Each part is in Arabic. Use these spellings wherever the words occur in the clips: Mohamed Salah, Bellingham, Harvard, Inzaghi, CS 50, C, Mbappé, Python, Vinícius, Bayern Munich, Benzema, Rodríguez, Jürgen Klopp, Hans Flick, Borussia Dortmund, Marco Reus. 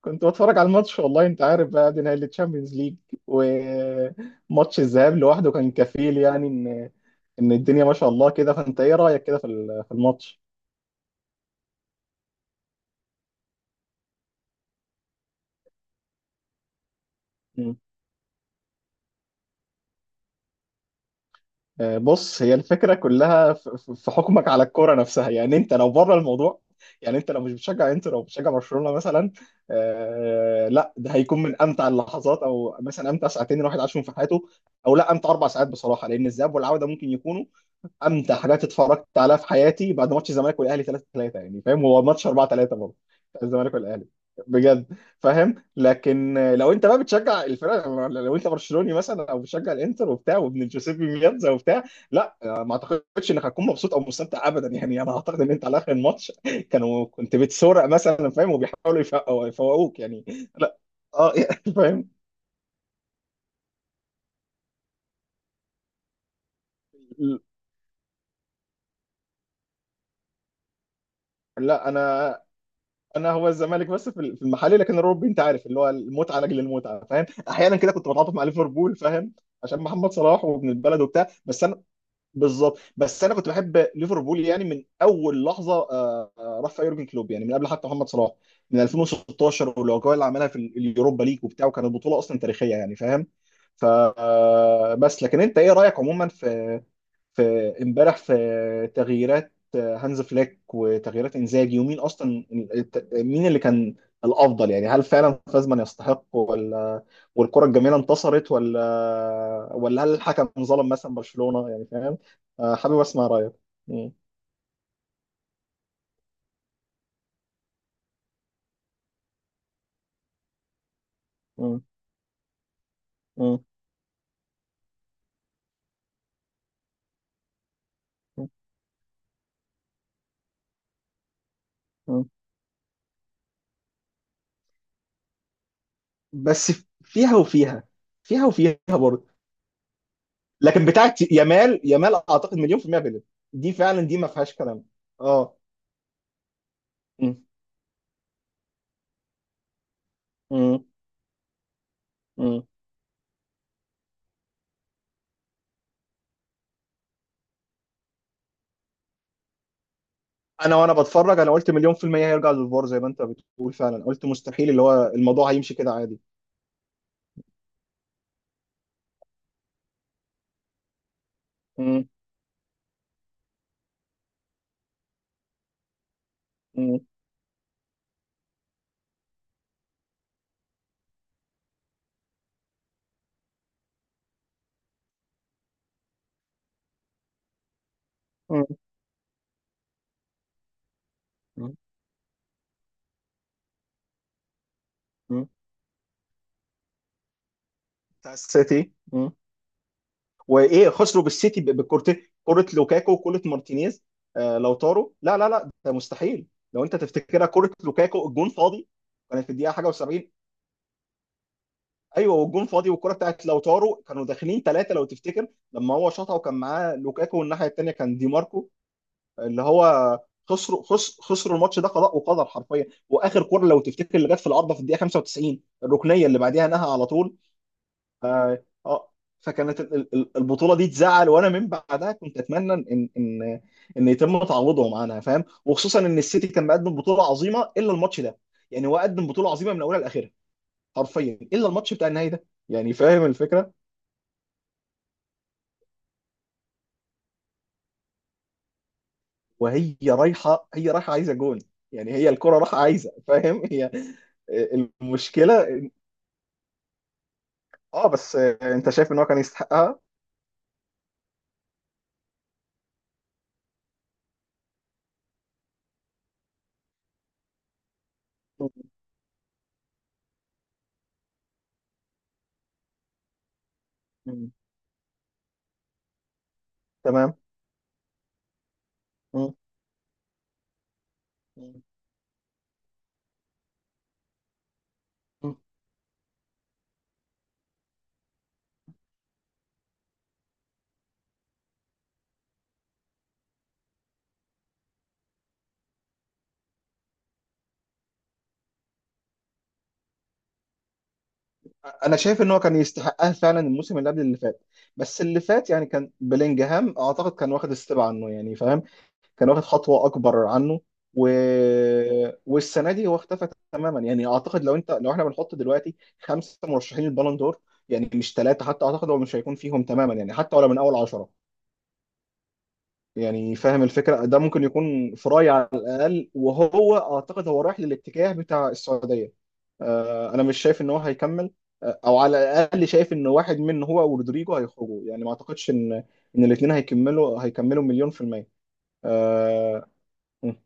كنت بتفرج على الماتش، والله انت عارف بقى دي نهائي الشامبيونز ليج. وماتش الذهاب لوحده كان كفيل يعني ان الدنيا ما شاء الله كده. فانت ايه رايك كده في في الماتش؟ مم. بص، هي الفكره كلها في في حكمك على الكوره نفسها، يعني انت لو بره الموضوع، يعني انت لو مش بتشجع انتر او بتشجع برشلونه مثلا، لا ده هيكون من امتع اللحظات، او مثلا امتع ساعتين الواحد عاشهم في حياته، او لا امتع اربع ساعات بصراحه، لان الذهاب والعوده ممكن يكونوا امتع حاجات اتفرجت عليها في حياتي بعد ماتش الزمالك والاهلي 3-3، يعني فاهم، هو ماتش 4-3 برضه بتاع الزمالك والاهلي، بجد، فاهم. لكن لو انت بقى بتشجع الفرق، لو انت برشلوني مثلا او بتشجع الانتر وبتاع وابن جوزيبي مياتزا وبتاع، لا ما اعتقدش انك هتكون مبسوط او مستمتع ابدا. يعني انا اعتقد ان انت على اخر الماتش كانوا كنت بتسرق مثلا، فاهم، وبيحاولوا يفوقوك يعني. لا، اه، يعني فاهم. لا، انا هو الزمالك بس في في المحلي، لكن الاوروبي انت عارف اللي هو المتعه لاجل المتعه، فاهم. احيانا كده كنت بتعاطف مع ليفربول، فاهم، عشان محمد صلاح وابن البلد وبتاع، بس انا بالظبط. بس انا كنت بحب ليفربول يعني من اول لحظه راح فيها يورجن كلوب، يعني من قبل حتى محمد صلاح، من 2016، والاجواء اللي عملها في اليوروبا ليج وبتاع، وكانت بطوله اصلا تاريخيه يعني، فاهم. ف آه، بس لكن انت ايه رايك عموما في في امبارح في تغييرات هانز فليك وتغييرات انزاجي، ومين اصلا مين اللي كان الافضل؟ يعني هل فعلا فازمان يستحق، ولا والكره الجميله انتصرت، ولا ولا هل الحكم ظلم مثلا برشلونه يعني، فاهم؟ حابب اسمع رايك. مم. مم. مم. مم. بس فيها وفيها، فيها وفيها برضه. لكن بتاعت يامال يامال اعتقد مليون في المية بلد، دي فعلا دي ما فيهاش كلام. اه. مم. مم. انا وانا بتفرج، انا قلت مليون في المية هيرجع للفار، زي ما انت بتقول، فعلا قلت مستحيل اللي هو الموضوع هيمشي كده عادي. مم. مم. مم. مم. مم. بتاع السيتي. مم. وايه خسروا بالسيتي بكورتين، كرة لوكاكو وكرة مارتينيز. لو طاروا، لا لا لا ده مستحيل. لو انت تفتكرها كرة لوكاكو الجون فاضي. كانت في الدقيقة حاجة و70، ايوه، والجون فاضي، والكرة بتاعت لو طاروا كانوا داخلين ثلاثة لو تفتكر لما هو شاطها، وكان معاه لوكاكو، والناحية الثانية كان دي ماركو اللي هو خسروا خسروا الماتش ده قضاء وقدر حرفيا. واخر كوره لو تفتكر اللي جت في العارضه في الدقيقه 95، الركنيه اللي بعديها نهى على طول. اه. آه. فكانت البطوله دي تزعل، وانا من بعدها كنت اتمنى ان يتم تعويضهم عنها، فاهم، وخصوصا ان السيتي كان مقدم بطوله عظيمه الا الماتش ده. يعني هو قدم بطوله عظيمه من اولها لاخرها حرفيا الا الماتش بتاع النهائي ده، يعني فاهم الفكره. وهي رايحه، هي رايحه عايزه جون، يعني هي الكره رايحه عايزه، فاهم، هي. المشكله. اه بس، انت شايف ان هو كان يستحقها؟ مم. تمام. مم. مم. مم. انا شايف ان هو كان يستحقها فعلا الموسم اللي قبل اللي فات. بس اللي فات يعني كان بلينجهام اعتقد كان واخد ستيب عنه يعني، فاهم، كان واخد خطوه اكبر عنه. و... والسنه دي هو اختفى تماما، يعني اعتقد لو انت لو احنا بنحط دلوقتي خمسه مرشحين البالون دور، يعني مش ثلاثه حتى، اعتقد هو مش هيكون فيهم تماما، يعني حتى ولا من اول عشره، يعني فاهم الفكرة. ده ممكن يكون فراي على الأقل، وهو أعتقد هو رايح للاتجاه بتاع السعودية. أنا مش شايف إن هو هيكمل. أو على الأقل شايف إن واحد من هو ورودريجو هيخرجوا، يعني ما أعتقدش إن الاتنين هيكملوا مليون في المية. آه، أمم.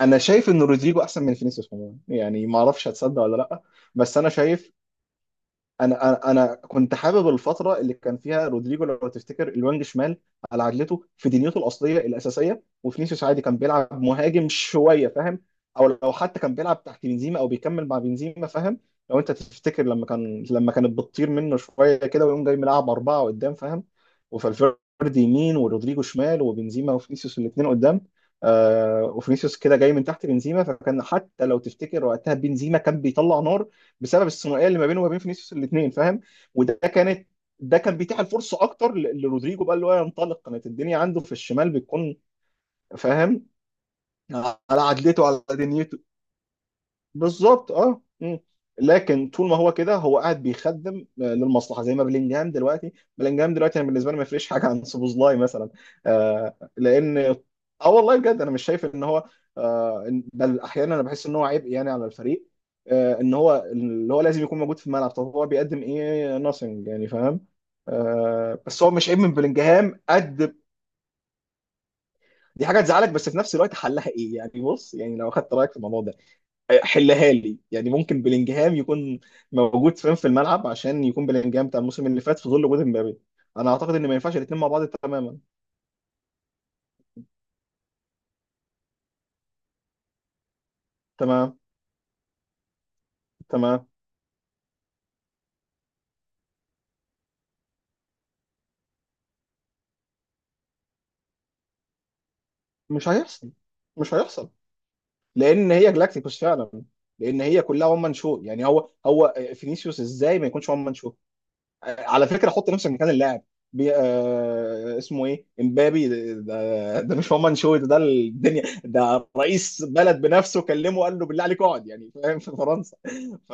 أنا شايف إن رودريجو أحسن من فينيسيوس عموما، يعني ما أعرفش هتصدق ولا لأ، بس أنا شايف انا انا أنا كنت حابب الفتره اللي كان فيها رودريجو لو تفتكر الوينج شمال على عدلته في دنيته الاصليه الاساسيه، وفينيسيوس عادي كان بيلعب مهاجم شويه، فاهم، او لو حتى كان بيلعب تحت بنزيما او بيكمل مع بنزيما، فاهم. لو انت تفتكر لما كانت بتطير منه شويه كده ويقوم جاي ملعب اربعه قدام، فاهم، وفالفيردي يمين ورودريجو شمال وبنزيما وفينيسيوس الاثنين قدام. وفينيسيوس كده جاي من تحت بنزيما، فكان حتى لو تفتكر وقتها بنزيما كان بيطلع نار بسبب الثنائيه اللي ما بينه وما بين فينيسيوس الاثنين، فاهم، وده كانت ده كان بيتيح الفرصه اكتر لرودريجو بقى اللي هو ينطلق، كانت الدنيا عنده في الشمال بتكون، فاهم، على عدلته على دنيته بالظبط. اه. مم. لكن طول ما هو كده هو قاعد بيخدم للمصلحه زي ما بلينجهام دلوقتي. بلينجهام دلوقتي انا بالنسبه لي ما يفرقش حاجه عن سوبوزلاي مثلا، لان اه والله بجد انا مش شايف ان هو، بل احيانا انا بحس ان هو عبء يعني على الفريق. ان هو اللي هو لازم يكون موجود في الملعب، طب هو بيقدم ايه؟ ناثينج يعني، فاهم. بس هو مش عيب من بلينجهام قد دي حاجه تزعلك، بس في نفس الوقت حلها ايه يعني؟ بص يعني لو اخدت رايك في الموضوع ده حلها لي، يعني ممكن بلينجهام يكون موجود فين في الملعب عشان يكون بلينجهام بتاع الموسم اللي فات في ظل وجود امبابي؟ انا اعتقد ان ما ينفعش الاثنين مع بعض تماما. تمام. تمام. مش هيحصل، مش هيحصل، لان هي جلاكتيكوس فعلا، لان هي كلها وان مان شو، يعني هو هو فينيسيوس ازاي ما يكونش وان مان شو؟ على فكره، حط نفسك مكان اللاعب، اسمه ايه، امبابي. ده مش هو شوي، ده الدنيا، ده رئيس بلد بنفسه كلمه قال له بالله عليك اقعد، يعني فاهم، في فرنسا. ف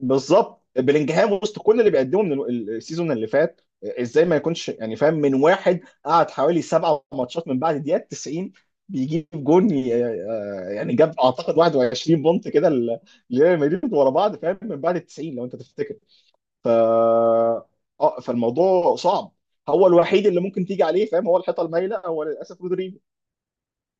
بالظبط، بلينجهام وسط كل اللي بيقدمه من السيزون اللي فات ازاي ما يكونش يعني، فاهم، من واحد قعد حوالي سبعة ماتشات من بعد الدقيقه 90 بيجيب جون، يعني جاب اعتقد 21 بونت كده لريال مدريد ورا بعض، فاهم، من بعد ال 90 لو انت تفتكر. ف اه فالموضوع صعب، هو الوحيد اللي ممكن تيجي عليه، فاهم، هو الحيطه المايله، هو للاسف رودريجو.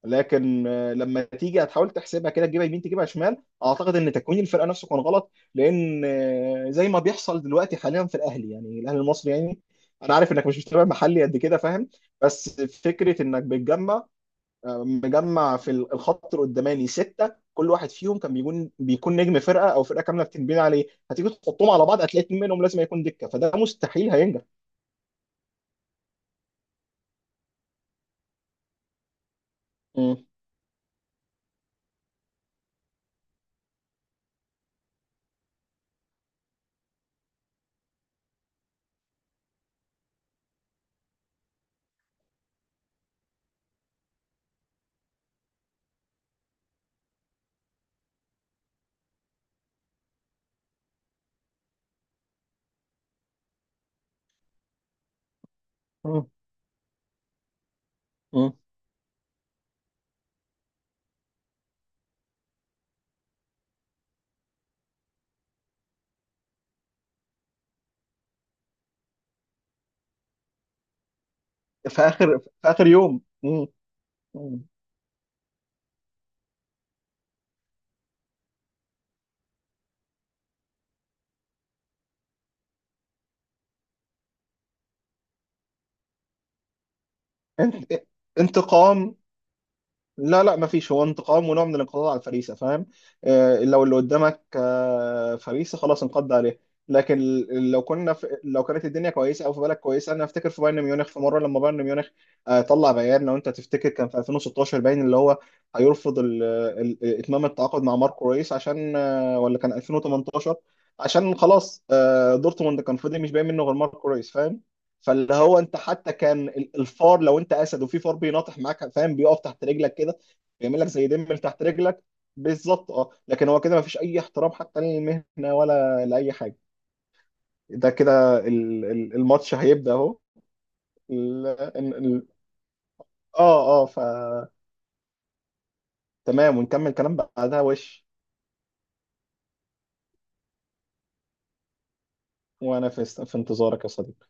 لكن لما تيجي هتحاول تحسبها كده تجيبها يمين تجيبها شمال، اعتقد ان تكوين الفرقه نفسه كان غلط، لان زي ما بيحصل دلوقتي حاليا في الاهلي، يعني الاهلي المصري يعني، انا عارف انك مش متابع محلي قد كده، فاهم، بس فكره انك بتجمع مجمع في الخط القداماني سته، كل واحد فيهم كان بيكون نجم فرقه او فرقه كامله بتنبني عليه، هتيجي تحطهم على بعض هتلاقي اتنين منهم لازم هيكون دكه، فده مستحيل هينجح. مم. مم. مم. في اخر في اخر يوم. مم. مم. انت- انتقام. لا لا، ما فيش هو انتقام، ونوع من الانقضاض على الفريسه، فاهم، لو اللي قدامك فريسه خلاص انقض عليه. لكن لو كنا في، لو كانت الدنيا كويسه او في بالك كويسه، انا افتكر في بايرن ميونخ في مره لما بايرن ميونخ طلع بيان لو انت تفتكر كان في 2016 باين اللي هو هيرفض اتمام التعاقد مع ماركو ريس عشان ولا كان 2018، عشان خلاص دورتموند كان فاضي مش باين منه غير ماركو ريس، فاهم. فاللي هو انت حتى كان الفار، لو انت اسد وفي فار بيناطح معاك، فاهم، بيقف تحت رجلك كده بيعمل لك زي دم تحت رجلك بالظبط. اه، لكن هو كده ما فيش اي احترام حتى للمهنه ولا لاي حاجه. ده كده الماتش هيبدا اهو، ال- ال- ال- اه فتمام، ونكمل كلام بعدها وش. وانا في انتظارك يا صديقي.